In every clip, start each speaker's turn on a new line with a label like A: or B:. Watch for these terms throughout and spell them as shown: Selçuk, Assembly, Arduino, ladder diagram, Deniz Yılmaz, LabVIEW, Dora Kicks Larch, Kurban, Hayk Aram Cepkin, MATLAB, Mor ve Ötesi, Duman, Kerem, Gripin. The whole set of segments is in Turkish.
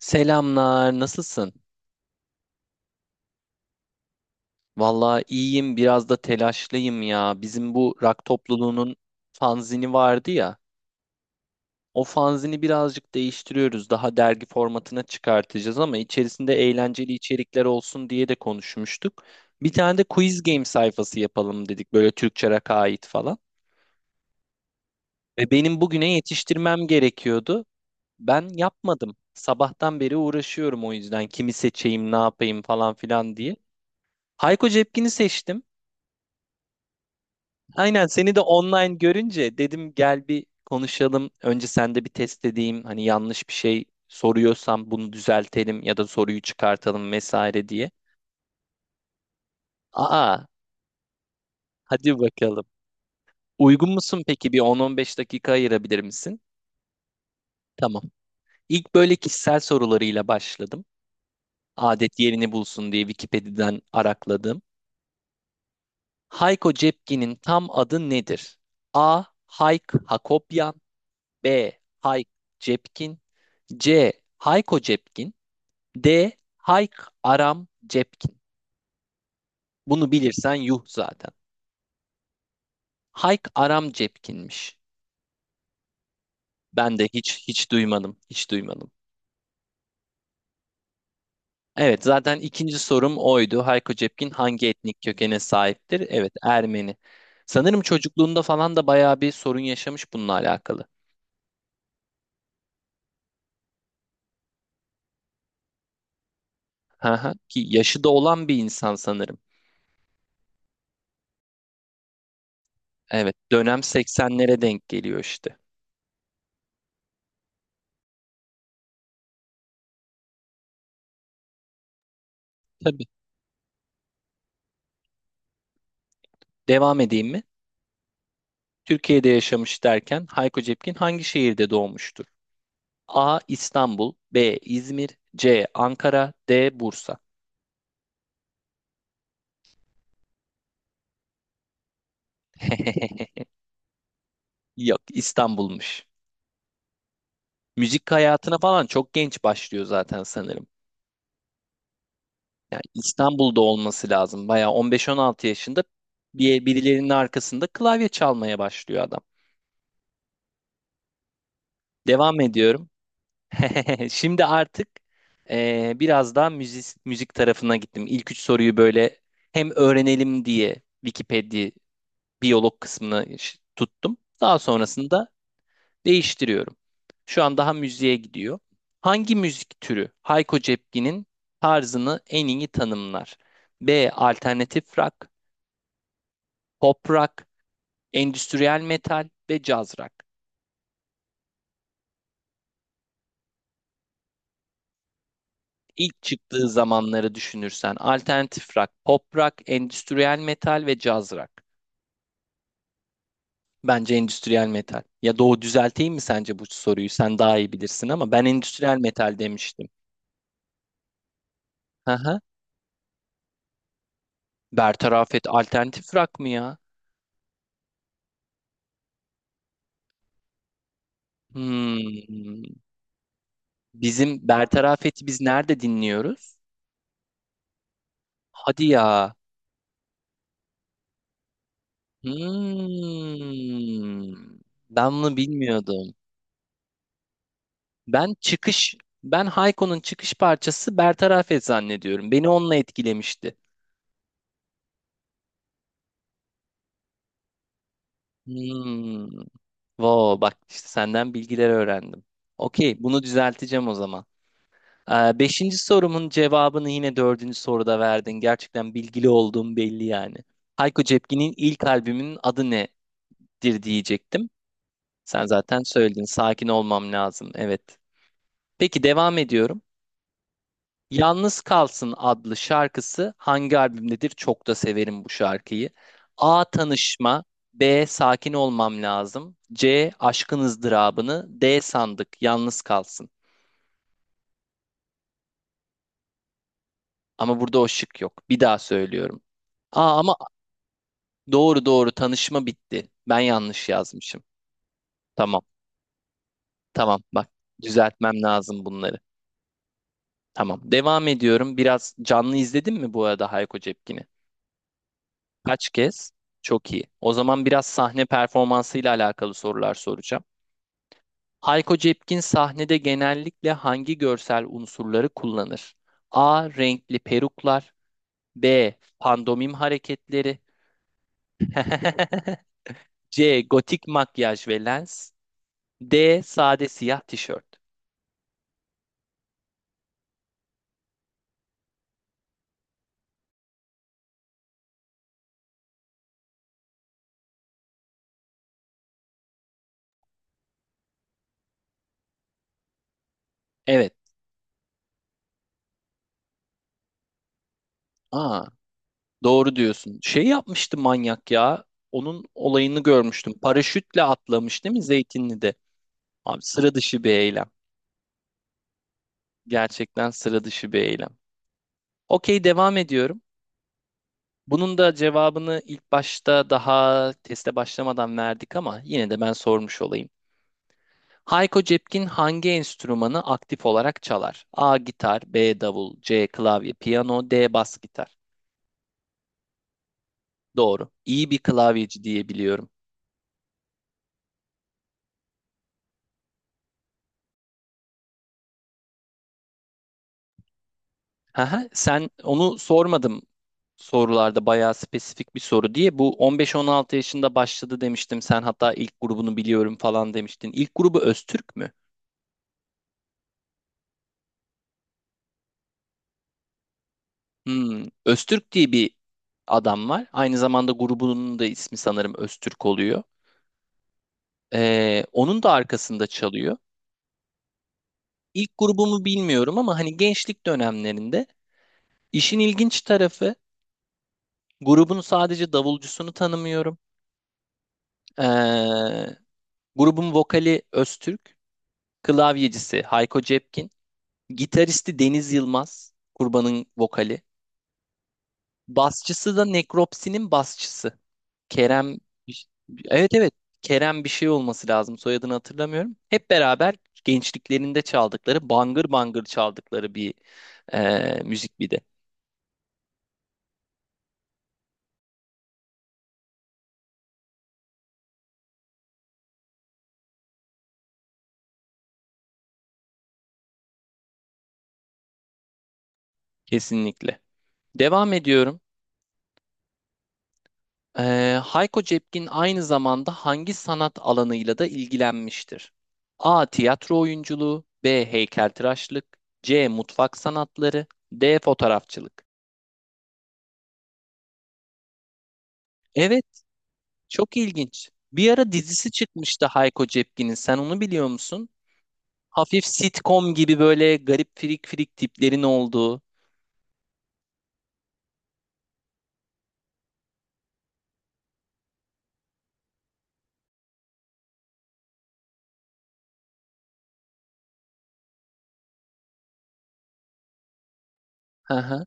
A: Selamlar, nasılsın? Vallahi iyiyim, biraz da telaşlıyım ya. Bizim bu rock topluluğunun fanzini vardı ya. O fanzini birazcık değiştiriyoruz. Daha dergi formatına çıkartacağız ama içerisinde eğlenceli içerikler olsun diye de konuşmuştuk. Bir tane de quiz game sayfası yapalım dedik. Böyle Türkçe rock'a ait falan. Ve benim bugüne yetiştirmem gerekiyordu. Ben yapmadım. Sabahtan beri uğraşıyorum o yüzden kimi seçeyim, ne yapayım falan filan diye. Hayko Cepkin'i seçtim. Aynen seni de online görünce dedim gel bir konuşalım. Önce sen de bir test edeyim. Hani yanlış bir şey soruyorsam bunu düzeltelim ya da soruyu çıkartalım vesaire diye. Aa, hadi bakalım. Uygun musun peki? Bir 10-15 dakika ayırabilir misin? Tamam. İlk böyle kişisel sorularıyla başladım. Adet yerini bulsun diye Wikipedia'dan arakladım. Hayko Cepkin'in tam adı nedir? A. Hayk Hakopyan, B. Hayk Cepkin, C. Hayko Cepkin, D. Hayk Aram Cepkin. Bunu bilirsen yuh zaten. Hayk Aram Cepkin'miş. Ben de hiç duymadım. Hiç duymadım. Evet zaten ikinci sorum oydu. Hayko Cepkin hangi etnik kökene sahiptir? Evet, Ermeni. Sanırım çocukluğunda falan da bayağı bir sorun yaşamış bununla alakalı. Hı hı. Ki yaşı da olan bir insan sanırım. Evet, dönem 80'lere denk geliyor işte. Tabii. Devam edeyim mi? Türkiye'de yaşamış derken Hayko Cepkin hangi şehirde doğmuştur? A. İstanbul, B. İzmir, C. Ankara, D. Bursa. Yok, İstanbul'muş. Müzik hayatına falan çok genç başlıyor zaten sanırım. Yani İstanbul'da olması lazım. Bayağı 15-16 yaşında birilerinin arkasında klavye çalmaya başlıyor adam. Devam ediyorum. Şimdi artık biraz daha müzik tarafına gittim. İlk üç soruyu böyle hem öğrenelim diye Wikipedia biyolog kısmını tuttum. Daha sonrasında değiştiriyorum. Şu an daha müziğe gidiyor. Hangi müzik türü Hayko Cepkin'in tarzını en iyi tanımlar? B. Alternatif rock, pop rock, endüstriyel metal ve caz rock. İlk çıktığı zamanları düşünürsen alternatif rock, pop rock, endüstriyel metal ve caz rock. Bence endüstriyel metal. Ya Doğu, düzelteyim mi sence bu soruyu? Sen daha iyi bilirsin ama ben endüstriyel metal demiştim. Hı hı. Bertaraf et alternatif rock mı ya? Hmm. Bizim Bertarafet'i biz nerede dinliyoruz? Hadi ya. Hmm. Ben bunu bilmiyordum. Ben çıkış, ben Hayko'nun çıkış parçası Bertarafet zannediyorum. Beni onunla etkilemişti. Hmm. Wow, bak işte senden bilgiler öğrendim. Okey, bunu düzelteceğim o zaman. Beşinci sorumun cevabını yine dördüncü soruda verdin. Gerçekten bilgili olduğum belli yani. Hayko Cepkin'in ilk albümünün adı nedir diyecektim. Sen zaten söyledin. Sakin olmam lazım. Evet. Peki, devam ediyorum. Yalnız Kalsın adlı şarkısı hangi albümdedir? Çok da severim bu şarkıyı. A. Tanışma, B. Sakin olmam lazım, C. Aşkın ızdırabını, D. Sandık Yalnız Kalsın. Ama burada o şık yok. Bir daha söylüyorum. Aa, ama doğru doğru, tanışma bitti. Ben yanlış yazmışım. Tamam. Tamam, bak düzeltmem lazım bunları. Tamam. Devam ediyorum. Biraz canlı izledin mi bu arada Hayko Cepkin'i? Kaç kez? Çok iyi. O zaman biraz sahne performansıyla alakalı sorular soracağım. Hayko Cepkin sahnede genellikle hangi görsel unsurları kullanır? A. Renkli peruklar. B. Pandomim hareketleri. C. Gotik makyaj ve lens. D. Sade siyah tişört. Evet. Aa, doğru diyorsun. Şey yapmıştı manyak ya. Onun olayını görmüştüm. Paraşütle atlamış değil mi Zeytinli'de? Abi, sıra dışı bir eylem. Gerçekten sıra dışı bir eylem. Okey, devam ediyorum. Bunun da cevabını ilk başta daha teste başlamadan verdik ama yine de ben sormuş olayım. Hayko Cepkin hangi enstrümanı aktif olarak çalar? A. Gitar, B. Davul, C. Klavye, piyano, D. Bas gitar. Doğru. İyi bir klavyeci diye biliyorum. Haha, sen, onu sormadım sorularda bayağı spesifik bir soru diye. Bu 15-16 yaşında başladı demiştim. Sen hatta ilk grubunu biliyorum falan demiştin. İlk grubu Öztürk mü? Hmm, Öztürk diye bir adam var. Aynı zamanda grubunun da ismi sanırım Öztürk oluyor. Onun da arkasında çalıyor. İlk grubumu bilmiyorum ama hani gençlik dönemlerinde işin ilginç tarafı grubun sadece davulcusunu tanımıyorum. Ee, grubun vokali Öztürk, klavyecisi Hayko Cepkin, gitaristi Deniz Yılmaz, Kurban'ın vokali. Basçısı da Nekropsi'nin basçısı. Kerem, evet evet, Kerem bir şey olması lazım, soyadını hatırlamıyorum. Hep beraber gençliklerinde çaldıkları, bangır bangır çaldıkları bir müzik bir de kesinlikle. Devam ediyorum. E, Hayko Cepkin aynı zamanda hangi sanat alanıyla da ilgilenmiştir? A. Tiyatro oyunculuğu, B. Heykeltıraşlık, C. Mutfak sanatları, D. Fotoğrafçılık. Evet, çok ilginç. Bir ara dizisi çıkmıştı Hayko Cepkin'in, sen onu biliyor musun? Hafif sitcom gibi böyle garip firik firik tiplerin olduğu. Hı hı.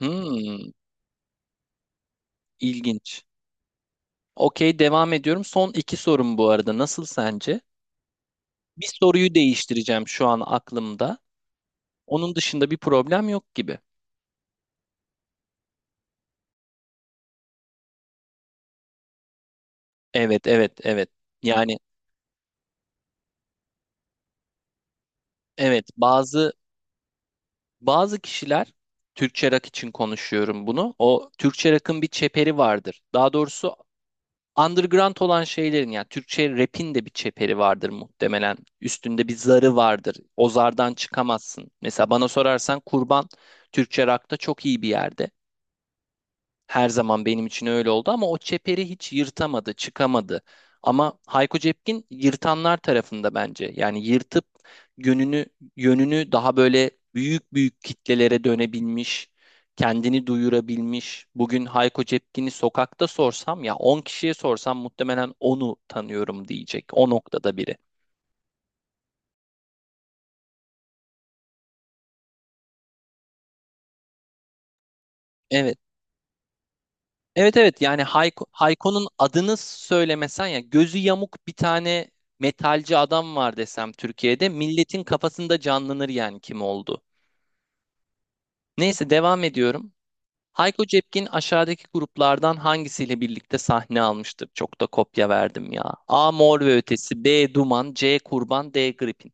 A: Hmm, ilginç. Okey, devam ediyorum. Son iki sorum bu arada. Nasıl sence? Bir soruyu değiştireceğim şu an aklımda. Onun dışında bir problem yok gibi. Evet, evet, evet. Yani, evet, bazı kişiler, Türkçe rock için konuşuyorum bunu. O Türkçe rock'ın bir çeperi vardır. Daha doğrusu underground olan şeylerin, yani Türkçe rap'in de bir çeperi vardır muhtemelen. Üstünde bir zarı vardır. O zardan çıkamazsın. Mesela bana sorarsan Kurban, Türkçe rock'ta çok iyi bir yerde. Her zaman benim için öyle oldu ama o çeperi hiç yırtamadı, çıkamadı. Ama Hayko Cepkin yırtanlar tarafında bence. Yani yırtıp yönünü yönünü daha böyle büyük büyük kitlelere dönebilmiş, kendini duyurabilmiş. Bugün Hayko Cepkin'i sokakta sorsam, ya 10 kişiye sorsam, muhtemelen onu tanıyorum diyecek. O noktada biri. Evet. Evet evet, yani Hayko'nun adını söylemesen, ya gözü yamuk bir tane metalci adam var desem Türkiye'de, milletin kafasında canlanır yani kim oldu. Neyse, devam ediyorum. Hayko Cepkin aşağıdaki gruplardan hangisiyle birlikte sahne almıştır? Çok da kopya verdim ya. A. Mor ve Ötesi, B. Duman, C. Kurban, D. Gripin.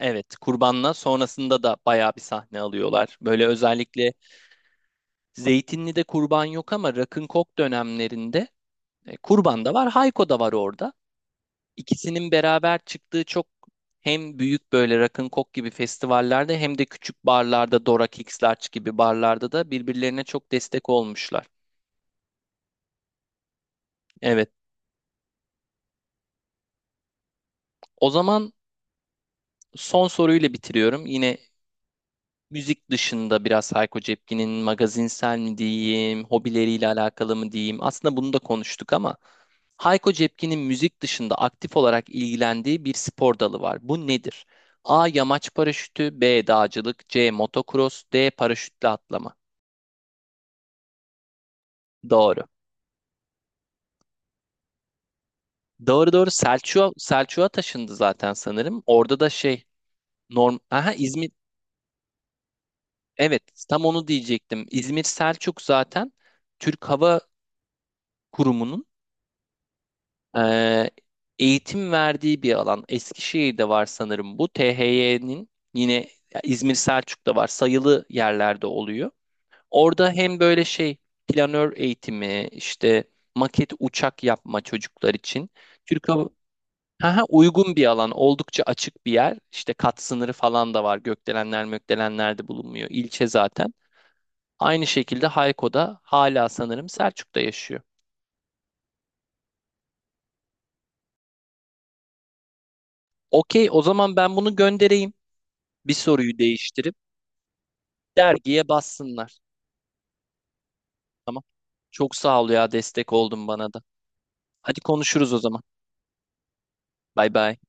A: Evet, Kurban'la sonrasında da bayağı bir sahne alıyorlar. Böyle özellikle Zeytinli'de Kurban yok ama Rock'n'Coke dönemlerinde Kurban da var, Hayko da var orada. İkisinin beraber çıktığı, çok hem büyük böyle rock'n'coke gibi festivallerde, hem de küçük barlarda, Dora Kicks Larch gibi barlarda da birbirlerine çok destek olmuşlar. Evet. O zaman son soruyla bitiriyorum. Yine, müzik dışında biraz Hayko Cepkin'in magazinsel mi diyeyim, hobileriyle alakalı mı diyeyim. Aslında bunu da konuştuk ama Hayko Cepkin'in müzik dışında aktif olarak ilgilendiği bir spor dalı var. Bu nedir? A. Yamaç paraşütü, B. Dağcılık, C. Motocross, D. Paraşütle atlama. Doğru. Doğru doğru, Selçuk'a taşındı zaten sanırım. Orada da şey, norm aha, İzmir, evet, tam onu diyecektim. İzmir Selçuk zaten Türk Hava Kurumu'nun Ee, eğitim verdiği bir alan. Eskişehir'de var sanırım bu. THY'nin yine, ya, İzmir Selçuk'ta var. Sayılı yerlerde oluyor. Orada hem böyle şey planör eğitimi, işte maket uçak yapma çocuklar için. Türk Hava Haha, uygun bir alan, oldukça açık bir yer. İşte kat sınırı falan da var. Gökdelenler, mökdelenler de bulunmuyor. İlçe zaten. Aynı şekilde Hayko'da hala sanırım Selçuk'ta yaşıyor. Okey, o zaman ben bunu göndereyim. Bir soruyu değiştirip. Dergiye bassınlar. Tamam. Çok sağ ol ya, destek oldun bana da. Hadi konuşuruz o zaman. Bay bay.